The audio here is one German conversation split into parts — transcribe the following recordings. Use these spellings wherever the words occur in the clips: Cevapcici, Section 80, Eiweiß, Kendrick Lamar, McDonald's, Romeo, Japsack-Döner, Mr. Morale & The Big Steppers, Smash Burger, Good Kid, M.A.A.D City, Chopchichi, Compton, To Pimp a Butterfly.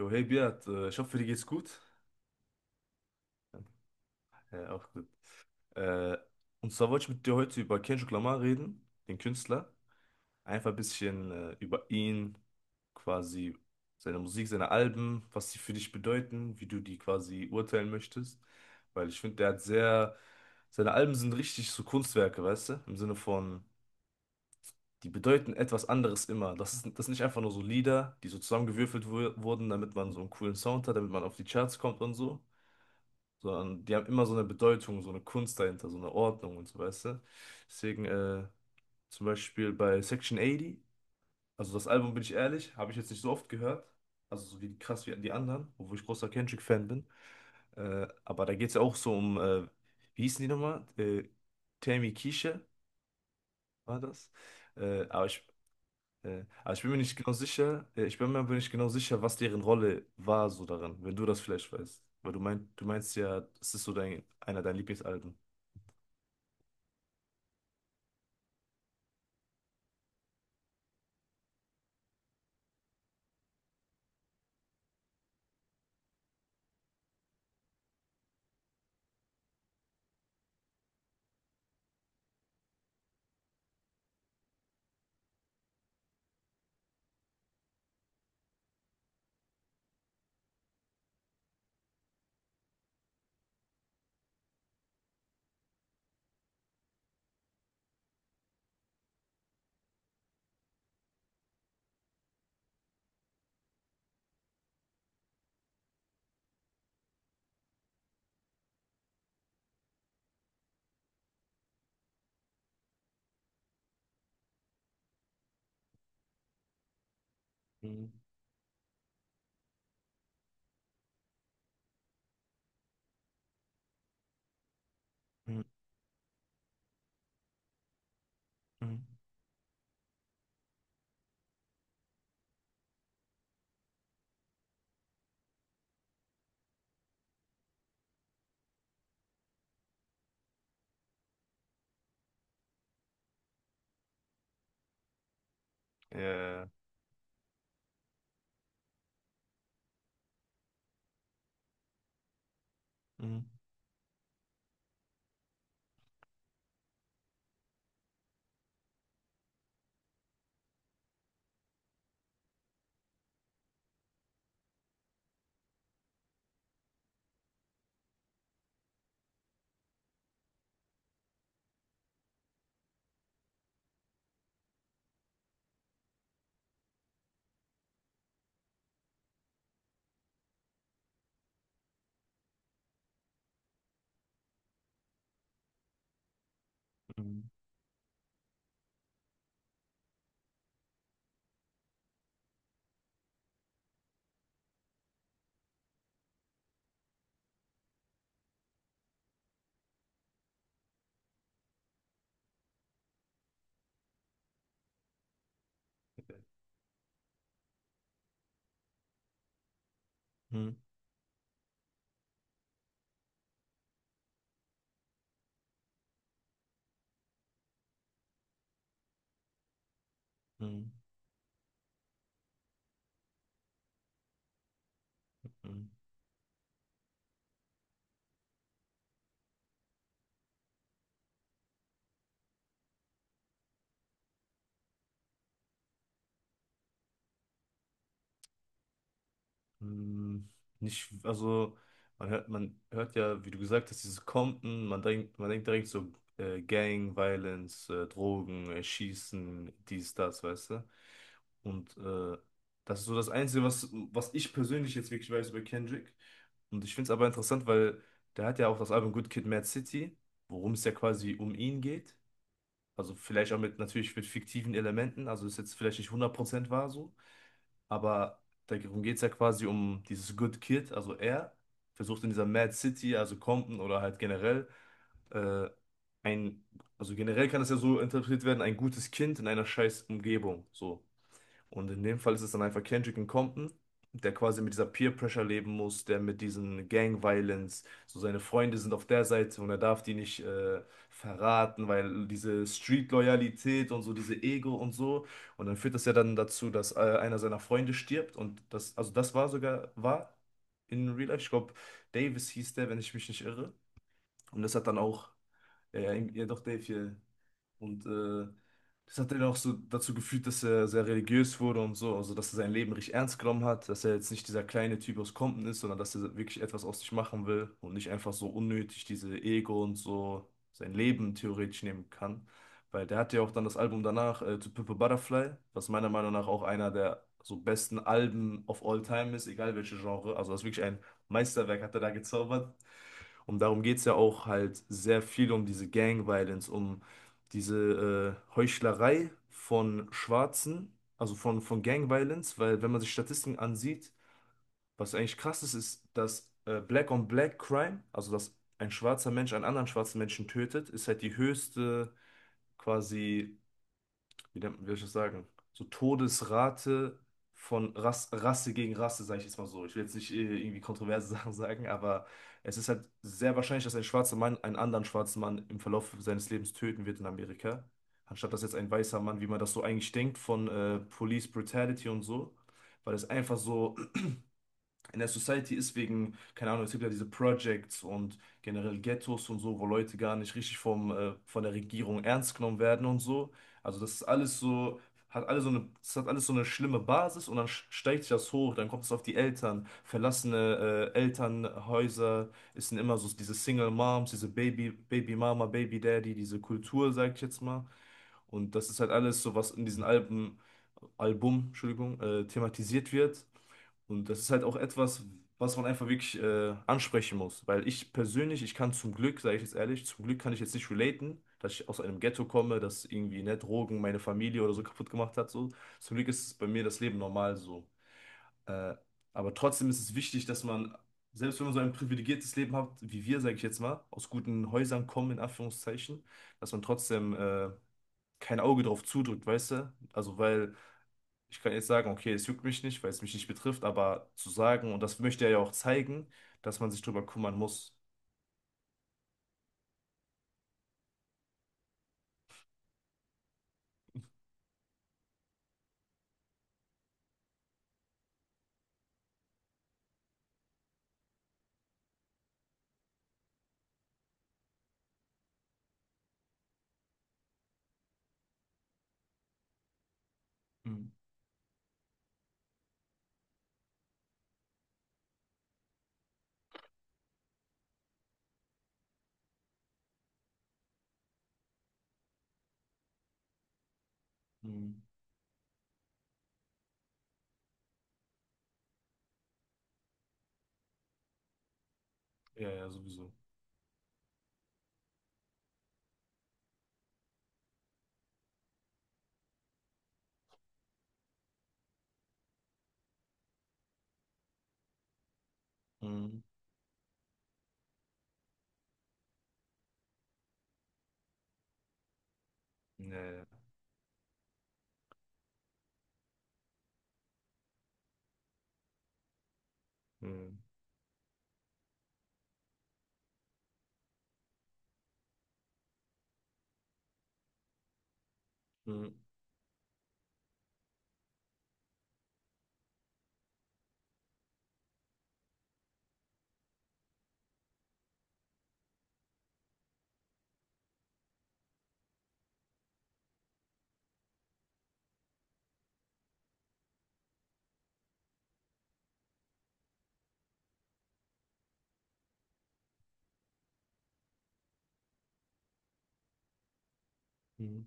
Jo, hey Beat, ich hoffe, dir geht's gut. Ja, auch gut. Äh, und zwar wollte ich mit dir heute über Kendrick Lamar reden, den Künstler. Einfach ein bisschen über ihn, quasi seine Musik, seine Alben, was sie für dich bedeuten, wie du die quasi urteilen möchtest. Weil ich finde, der hat sehr, seine Alben sind richtig so Kunstwerke, weißt du? Im Sinne von, die bedeuten etwas anderes immer. Das sind nicht einfach nur so Lieder, die so wurden, damit man so einen coolen Sound hat, damit man auf die Charts kommt und so. Sondern die haben immer so eine Bedeutung, so eine Kunst dahinter, so eine Ordnung und so, weißt du? Deswegen, zum Beispiel bei Section 80, also das Album, bin ich ehrlich, habe ich jetzt nicht so oft gehört, also so wie krass wie die anderen, obwohl ich großer Kendrick-Fan bin, aber da geht es ja auch so um, wie hießen die nochmal? Tammy Kiesche war das, äh, aber ich... Aber ich bin mir nicht genau sicher, ich bin mir aber nicht genau sicher, was deren Rolle war so daran, wenn du das vielleicht weißt. Weil du meinst ja, es ist so dein, einer deiner Lieblingsalben. Mhm. Mhm. Mhm. Ja. Mhm. Mhm. Mhm. Mhm. Mhm. Mhm. Nicht, also man hört ja, wie du gesagt hast, dieses Compton, man denkt direkt so Gang, Violence, Drogen, Schießen, dies, das, weißt du? Und das ist so das Einzige, was ich persönlich jetzt wirklich weiß über Kendrick. Und ich finde es aber interessant, weil der hat ja auch das Album Good Kid, Mad City, worum es ja quasi um ihn geht. Also vielleicht auch mit, natürlich mit fiktiven Elementen, also ist jetzt vielleicht nicht 100% wahr so, aber darum geht es ja quasi um dieses Good Kid, also er versucht in dieser Mad City, also Compton oder halt generell, äh, ein, also generell kann das ja so interpretiert werden, ein gutes Kind in einer scheiß Umgebung, so. Und in dem Fall ist es dann einfach Kendrick und Compton, der quasi mit dieser Peer Pressure leben muss, der mit diesen Gang Violence, so seine Freunde sind auf der Seite und er darf die nicht verraten, weil diese Street Loyalität und so, diese Ego und so. Und dann führt das ja dann dazu, dass einer seiner Freunde stirbt, und das war in Real Life, ich glaube, Davis hieß der, wenn ich mich nicht irre. Und das hat dann auch, ja doch, Dave hier. Und das hat ihn auch so dazu geführt, dass er sehr religiös wurde und so, also dass er sein Leben richtig ernst genommen hat, dass er jetzt nicht dieser kleine Typ aus Compton ist, sondern dass er wirklich etwas aus sich machen will und nicht einfach so unnötig diese Ego und so sein Leben theoretisch nehmen kann. Weil der hat ja auch dann das Album danach, To Pimp a Butterfly, was meiner Meinung nach auch einer der so besten Alben of all time ist, egal welche Genre. Also das ist wirklich ein Meisterwerk, hat er da gezaubert. Und darum geht es ja auch halt sehr viel um diese Gang-Violence, um diese Heuchlerei von Schwarzen, also von Gang-Violence, weil wenn man sich Statistiken ansieht, was eigentlich krass ist, ist, dass Black-on-Black-Crime, also dass ein schwarzer Mensch einen anderen schwarzen Menschen tötet, ist halt die höchste quasi wie soll ich das sagen, so Todesrate von Rasse gegen Rasse, sage ich jetzt mal so. Ich will jetzt nicht irgendwie kontroverse Sachen sagen, aber es ist halt sehr wahrscheinlich, dass ein schwarzer Mann einen anderen schwarzen Mann im Verlauf seines Lebens töten wird in Amerika. Anstatt dass jetzt ein weißer Mann, wie man das so eigentlich denkt, von Police Brutality und so, weil es einfach so in der Society ist wegen, keine Ahnung, es gibt ja diese Projects und generell Ghettos und so, wo Leute gar nicht richtig vom, von der Regierung ernst genommen werden und so. Also das ist alles so, hat alles so eine, das hat alles so eine schlimme Basis, und dann steigt sich das hoch, dann kommt es auf die Eltern. Verlassene, Elternhäuser, es sind immer so diese Single Moms, diese Baby Mama, Baby Daddy, diese Kultur, sag ich jetzt mal. Und das ist halt alles so, was in diesen Album, Entschuldigung, thematisiert wird. Und das ist halt auch etwas, was man einfach wirklich ansprechen muss. Weil ich persönlich, ich kann zum Glück, sage ich jetzt ehrlich, zum Glück kann ich jetzt nicht relaten, dass ich aus einem Ghetto komme, dass irgendwie, ne, Drogen meine Familie oder so kaputt gemacht hat. So. Zum Glück ist bei mir das Leben normal so. Äh, aber trotzdem ist es wichtig, dass man, selbst wenn man so ein privilegiertes Leben hat, wie wir, sage ich jetzt mal, aus guten Häusern kommen, in Anführungszeichen, dass man trotzdem kein Auge drauf zudrückt, weißt du? Also, weil ich kann jetzt sagen, okay, es juckt mich nicht, weil es mich nicht betrifft, aber zu sagen, und das möchte er ja auch zeigen, dass man sich drüber kümmern muss. Mhm. Mhm. Ja, ja, sowieso. Mhm. Ja, ja. Mhm. Mhm.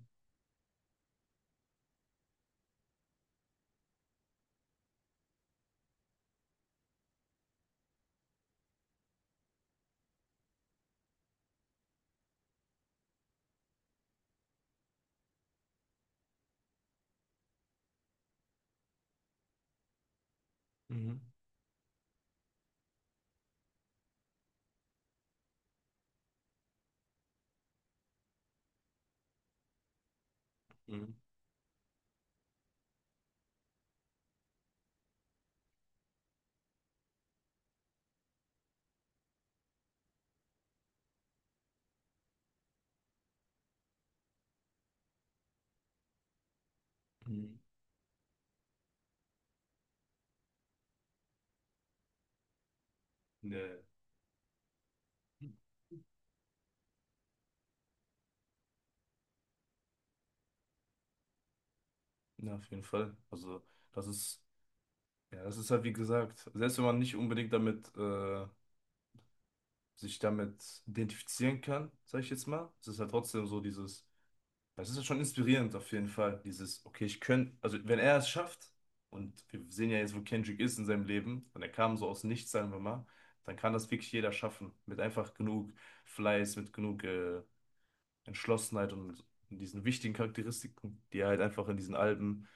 Mhm. Mhm. Mhm. Mhm. Ja, ja. Ja, auf jeden Fall. Also, das ist, ja, das ist halt wie gesagt, selbst wenn man nicht unbedingt damit, sich damit identifizieren kann, sage ich jetzt mal, es ist halt trotzdem so dieses. Das ist schon inspirierend auf jeden Fall, dieses, okay, ich könnte, also wenn er es schafft, und wir sehen ja jetzt, wo Kendrick ist in seinem Leben, und er kam so aus nichts, sagen wir mal, dann kann das wirklich jeder schaffen, mit einfach genug Fleiß, mit genug Entschlossenheit und in diesen wichtigen Charakteristiken, die er halt einfach in diesen Alben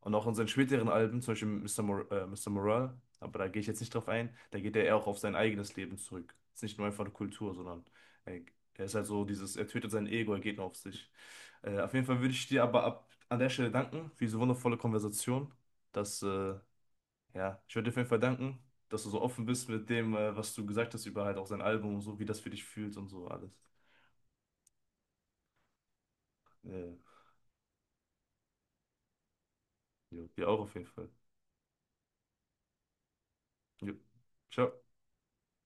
und auch in seinen späteren Alben, zum Beispiel Mr. Morale, aber da gehe ich jetzt nicht drauf ein, da geht er eher auch auf sein eigenes Leben zurück. Es ist nicht nur einfach eine Kultur, sondern er, er ist halt so dieses, er tötet sein Ego, er geht nur auf sich. Auf jeden Fall würde ich dir aber ab, an der Stelle danken für diese wundervolle Konversation. Dass, ja, ich würde dir auf jeden Fall danken, dass du so offen bist mit dem, was du gesagt hast über halt auch sein Album und so, wie das für dich fühlt und so alles. Äh, ja, dir auch auf jeden Fall. Jo. Ciao.